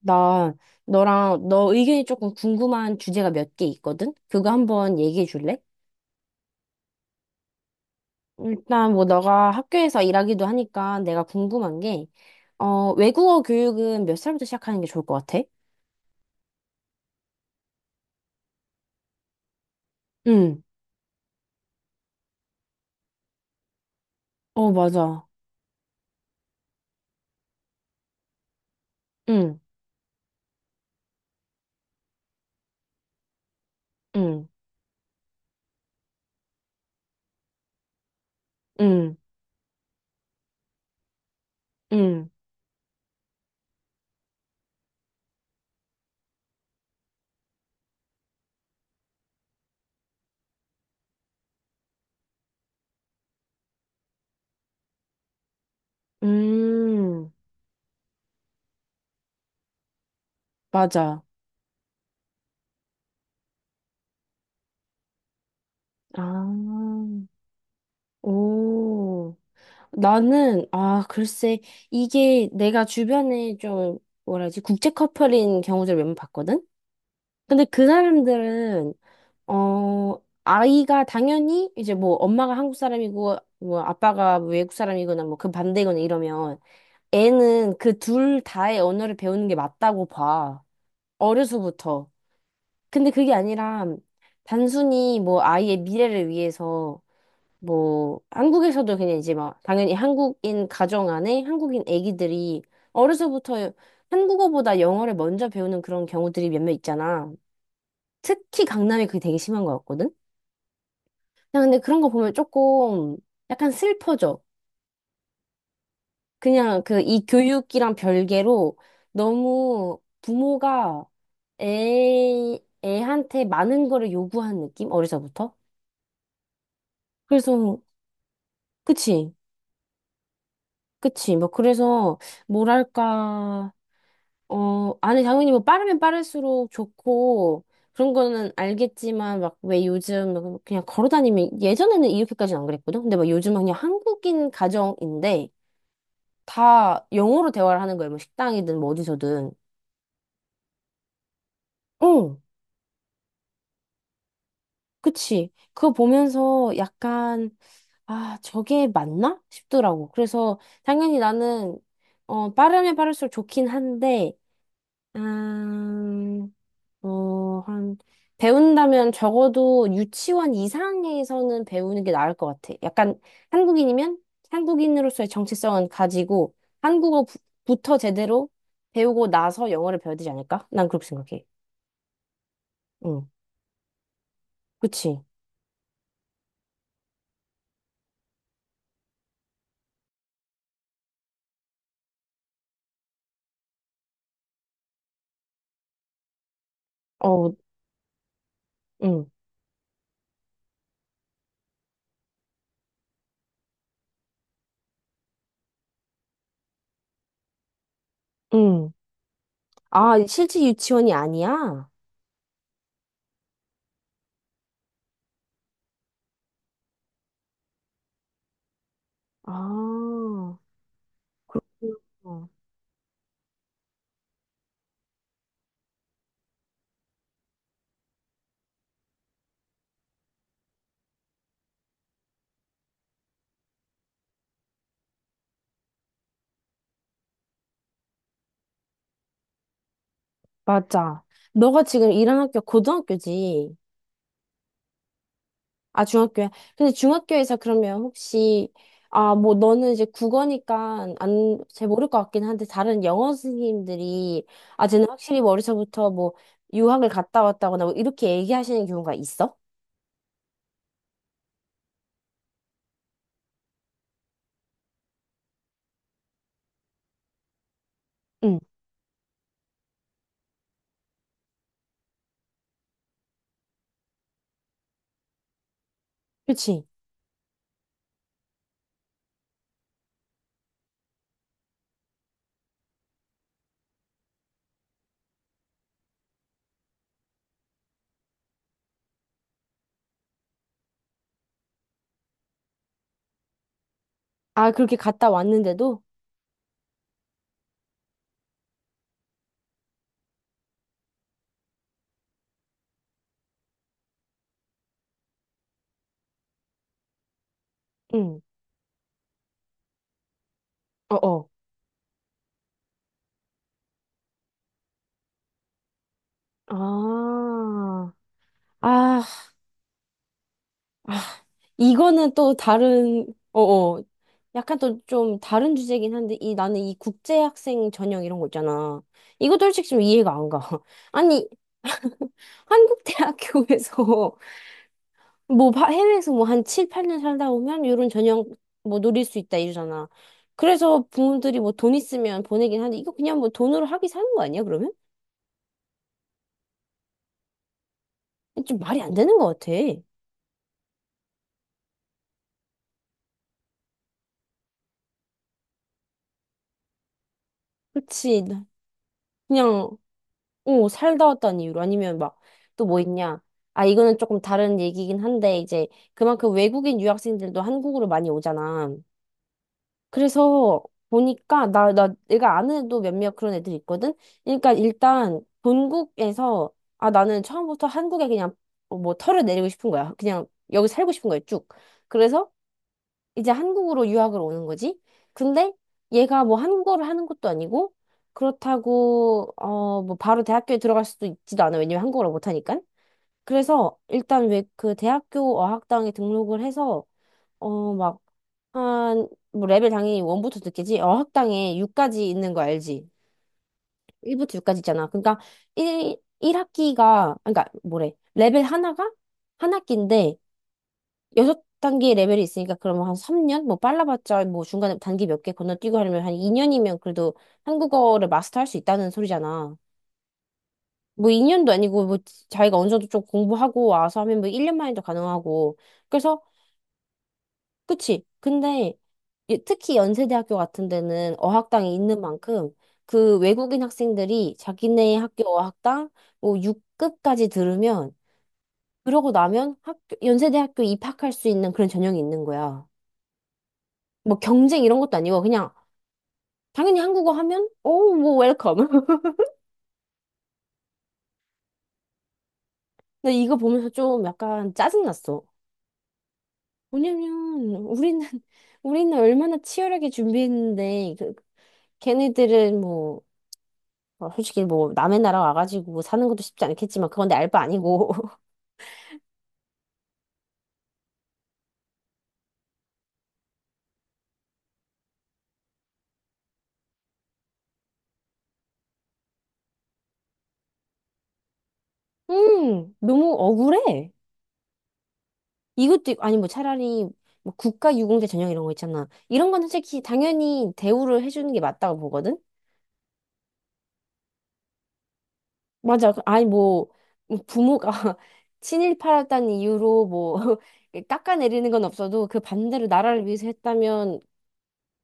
나 너랑 너 의견이 조금 궁금한 주제가 몇 개 있거든? 그거 한번 얘기해 줄래? 일단 뭐 너가 학교에서 일하기도 하니까 내가 궁금한 게, 외국어 교육은 몇 살부터 시작하는 게 좋을 것 같아? 응. 어, 맞아. 응, 응, 응, 응, 음, 맞아. 아, 오. 나는, 아, 글쎄, 이게 내가 주변에 좀, 뭐라 지 국제 커플인 경우들 몇 번 봤거든? 근데 그 사람들은 아이가 당연히 이제 뭐 엄마가 한국 사람이고 뭐 아빠가 뭐 외국 사람이거나 뭐 그 반대거나 이러면 애는 그 둘 다의 언어를 배우는 게 맞다고 봐. 어려서부터. 근데 그게 아니라 단순히 뭐 아이의 미래를 위해서 뭐 한국에서도 그냥 이제 막 당연히 한국인 가정 안에 한국인 애기들이 어려서부터 한국어보다 영어를 먼저 배우는 그런 경우들이 몇몇 있잖아. 특히 강남이 그게 되게 심한 것 같거든? 그냥 근데 그런 거 보면 조금 약간 슬퍼져. 그냥 그 이 교육이랑 별개로 너무 부모가 애, 애한테 많은 거를 요구한 느낌? 어리서부터? 그래서, 그치, 그치. 뭐, 그래서, 뭐랄까. 어, 아니, 당연히 뭐 빠르면 빠를수록 좋고, 그런 거는 알겠지만, 막 왜 요즘 그냥 걸어 다니면, 예전에는 이렇게까지는 안 그랬거든? 근데 막 요즘은 그냥 한국인 가정인데, 다 영어로 대화를 하는 거예요. 뭐 식당이든 뭐 어디서든. 응, 그치. 그거 보면서 약간, 아, 저게 맞나? 싶더라고. 그래서 당연히 나는, 빠르면 빠를수록 좋긴 한데, 음, 한, 배운다면 적어도 유치원 이상에서는 배우는 게 나을 것 같아. 약간 한국인이면 한국인으로서의 정체성은 가지고 한국어부터 제대로 배우고 나서 영어를 배워야 되지 않을까? 난 그렇게 생각해. 응, 그치. 어, 응, 응. 아, 실제 유치원이 아니야? 아, 그렇구나. 맞아. 너가 지금 일하는 학교 고등학교지? 아, 중학교야. 근데 중학교에서 그러면 혹시, 아, 뭐, 너는 이제 국어니까 안, 잘 모를 것 같긴 한데, 다른 영어 선생님들이, 아, 쟤는 확실히 어려서부터 뭐, 유학을 갔다 왔다거나 뭐, 이렇게 얘기하시는 경우가 있어? 응, 그치. 아, 그렇게 갔다 왔는데도? 응, 어어. 아, 아, 아, 이거는 또 다른, 어어. 약간 또 좀 다른 주제긴 한데, 이, 나는 이 국제학생 전형 이런 거 있잖아. 이것도 솔직히 좀 이해가 안 가. 아니, 한국 대학교에서, 뭐, 해외에서 뭐 한 7, 8년 살다 오면 이런 전형 뭐 노릴 수 있다 이러잖아. 그래서 부모들이 뭐 돈 있으면 보내긴 하는데, 이거 그냥 뭐 돈으로 학위 사는 거 아니야, 그러면? 좀 말이 안 되는 것 같아. 그치. 나- 그냥, 어, 살다 왔다는 이유로 아니면 막 또 뭐 있냐? 아, 이거는 조금 다른 얘기긴 한데 이제 그만큼 외국인 유학생들도 한국으로 많이 오잖아. 그래서 보니까 나 내가 아는 애도 몇몇 그런 애들 있거든. 그러니까 일단 본국에서 아, 나는 처음부터 한국에 그냥 뭐 털을 내리고 싶은 거야. 그냥 여기 살고 싶은 거야, 쭉. 그래서 이제 한국으로 유학을 오는 거지. 근데 얘가 뭐 한국어를 하는 것도 아니고 그렇다고 뭐 바로 대학교에 들어갈 수도 있지도 않아. 왜냐면 한국어를 못 하니까. 그래서 일단 왜 그 대학교 어학당에 등록을 해서 막 한 뭐 레벨 당연히 원부터 듣겠지. 어학당에 6까지 있는 거 알지? 1부터 6까지 있잖아. 그러니까 1일학기가 그러니까 뭐래? 레벨 하나가 한 학기인데 여섯 단계 레벨이 있으니까 그러면 한 3년? 뭐 빨라봤자 뭐 중간에 단계 몇 개 건너뛰고 하려면 한 2년이면 그래도 한국어를 마스터할 수 있다는 소리잖아. 뭐 2년도 아니고 뭐 자기가 어느 정도 좀 공부하고 와서 하면 뭐 1년 만에도 가능하고. 그래서 그치. 근데 이- 특히 연세대학교 같은 데는 어학당이 있는 만큼 그 외국인 학생들이 자기네 학교 어학당 뭐 6급까지 들으면 그러고 나면 학교, 연세대학교 입학할 수 있는 그런 전형이 있는 거야. 뭐 경쟁 이런 것도 아니고 그냥 당연히 한국어 하면 오뭐 웰컴. 나 이거 보면서 좀 약간 짜증났어. 왜냐면 우리는 우리는 얼마나 치열하게 준비했는데 그 걔네들은 뭐 어, 솔직히 뭐 남의 나라 와가지고 뭐 사는 것도 쉽지 않겠지만 그건 내 알바 아니고 너무 억울해. 아니 뭐 차라리 뭐 국가 유공자 전형 이런 거 있잖아. 이런 건 솔직히 당연히 대우를 해주는 게 맞다고 보거든. 맞아. 그- 아니, 뭐, 뭐 부모가 친일파였다는 이유로 뭐, 깎아내리는 건 없어도 그 반대로 나라를 위해서 했다면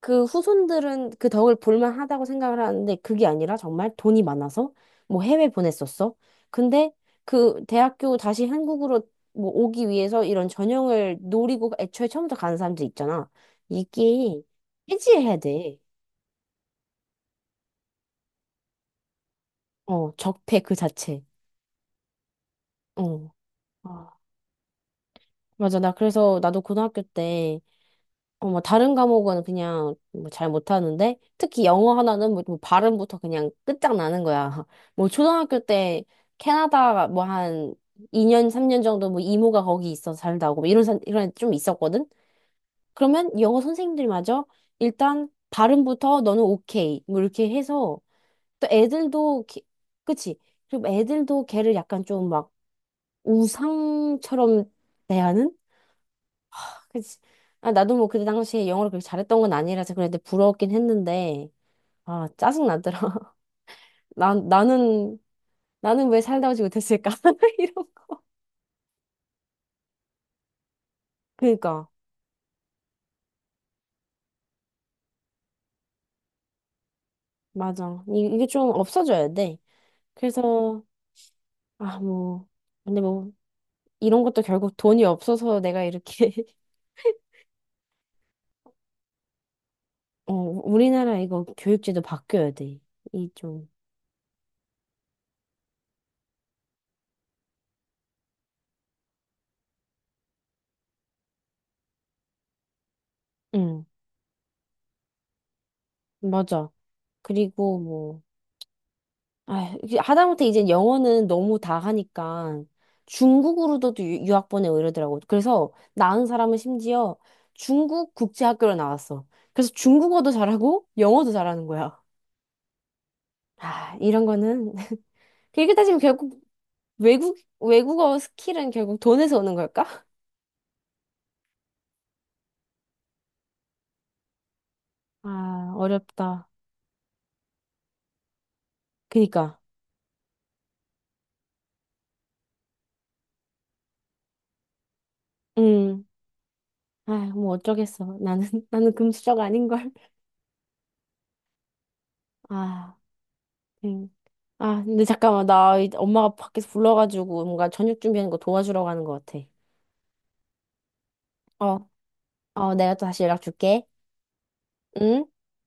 그 후손들은 그 덕을 볼만하다고 생각을 하는데 그게 아니라 정말 돈이 많아서 뭐 해외 보냈었어. 근데 그 대학교 다시 한국으로 뭐 오기 위해서 이런 전형을 노리고 애초에 처음부터 가는 사람들 있잖아. 이게 해지해야 돼. 어, 적폐 그 자체. 어. 아, 맞아. 나 그래서 나도 고등학교 때 어, 뭐 다른 과목은 그냥 뭐 잘 못하는데 특히 영어 하나는 뭐뭐 발음부터 그냥 끝장나는 거야. 뭐 초등학교 때 캐나다 뭐 한 2년 3년 정도 뭐 이모가 거기 있어 살다고 뭐 이런 애좀 있었거든. 그러면 영어 선생님들마저 일단 발음부터 너는 오케이 뭐 이렇게 해서 또 애들도 기- 그치? 그리고 애들도 걔를 약간 좀 막 우상처럼 대하는? 그치. 아, 나도 뭐 그때 당시에 영어를 그렇게 잘했던 건 아니라서 그랬는데 부러웠긴 했는데, 아, 짜증나더라. 나, 나는, 나는 왜 살다 오지 못했을까? 이런 거. 그니까, 맞아. 이게 좀 없어져야 돼. 그래서, 아, 뭐, 근데 뭐, 이런 것도 결국 돈이 없어서 내가 이렇게, 어, 우리나라 이거 교육제도 바뀌어야 돼. 이 좀, 응, 맞아. 그리고 뭐 아, 이게 하다못해 이제 영어는 너무 다 하니까 중국으로도 유학 보내고 이러더라고. 그래서 나은 사람은 심지어 중국 국제학교로 나왔어. 그래서 중국어도 잘하고 영어도 잘하는 거야. 아, 이런 거는 그렇게 따지면 결국 외국어 스킬은 결국 돈에서 오는 걸까? 아, 어렵다. 그니까. 음. 아, 뭐 어쩌겠어. 나는 나는 금수저가 아닌 걸. 아. 응. 아, 근데 잠깐만. 나 엄마가 밖에서 불러가지고 뭔가 저녁 준비하는 거 도와주러 가는 것 같아. 어, 어, 내가 또 다시 연락 줄게. 응?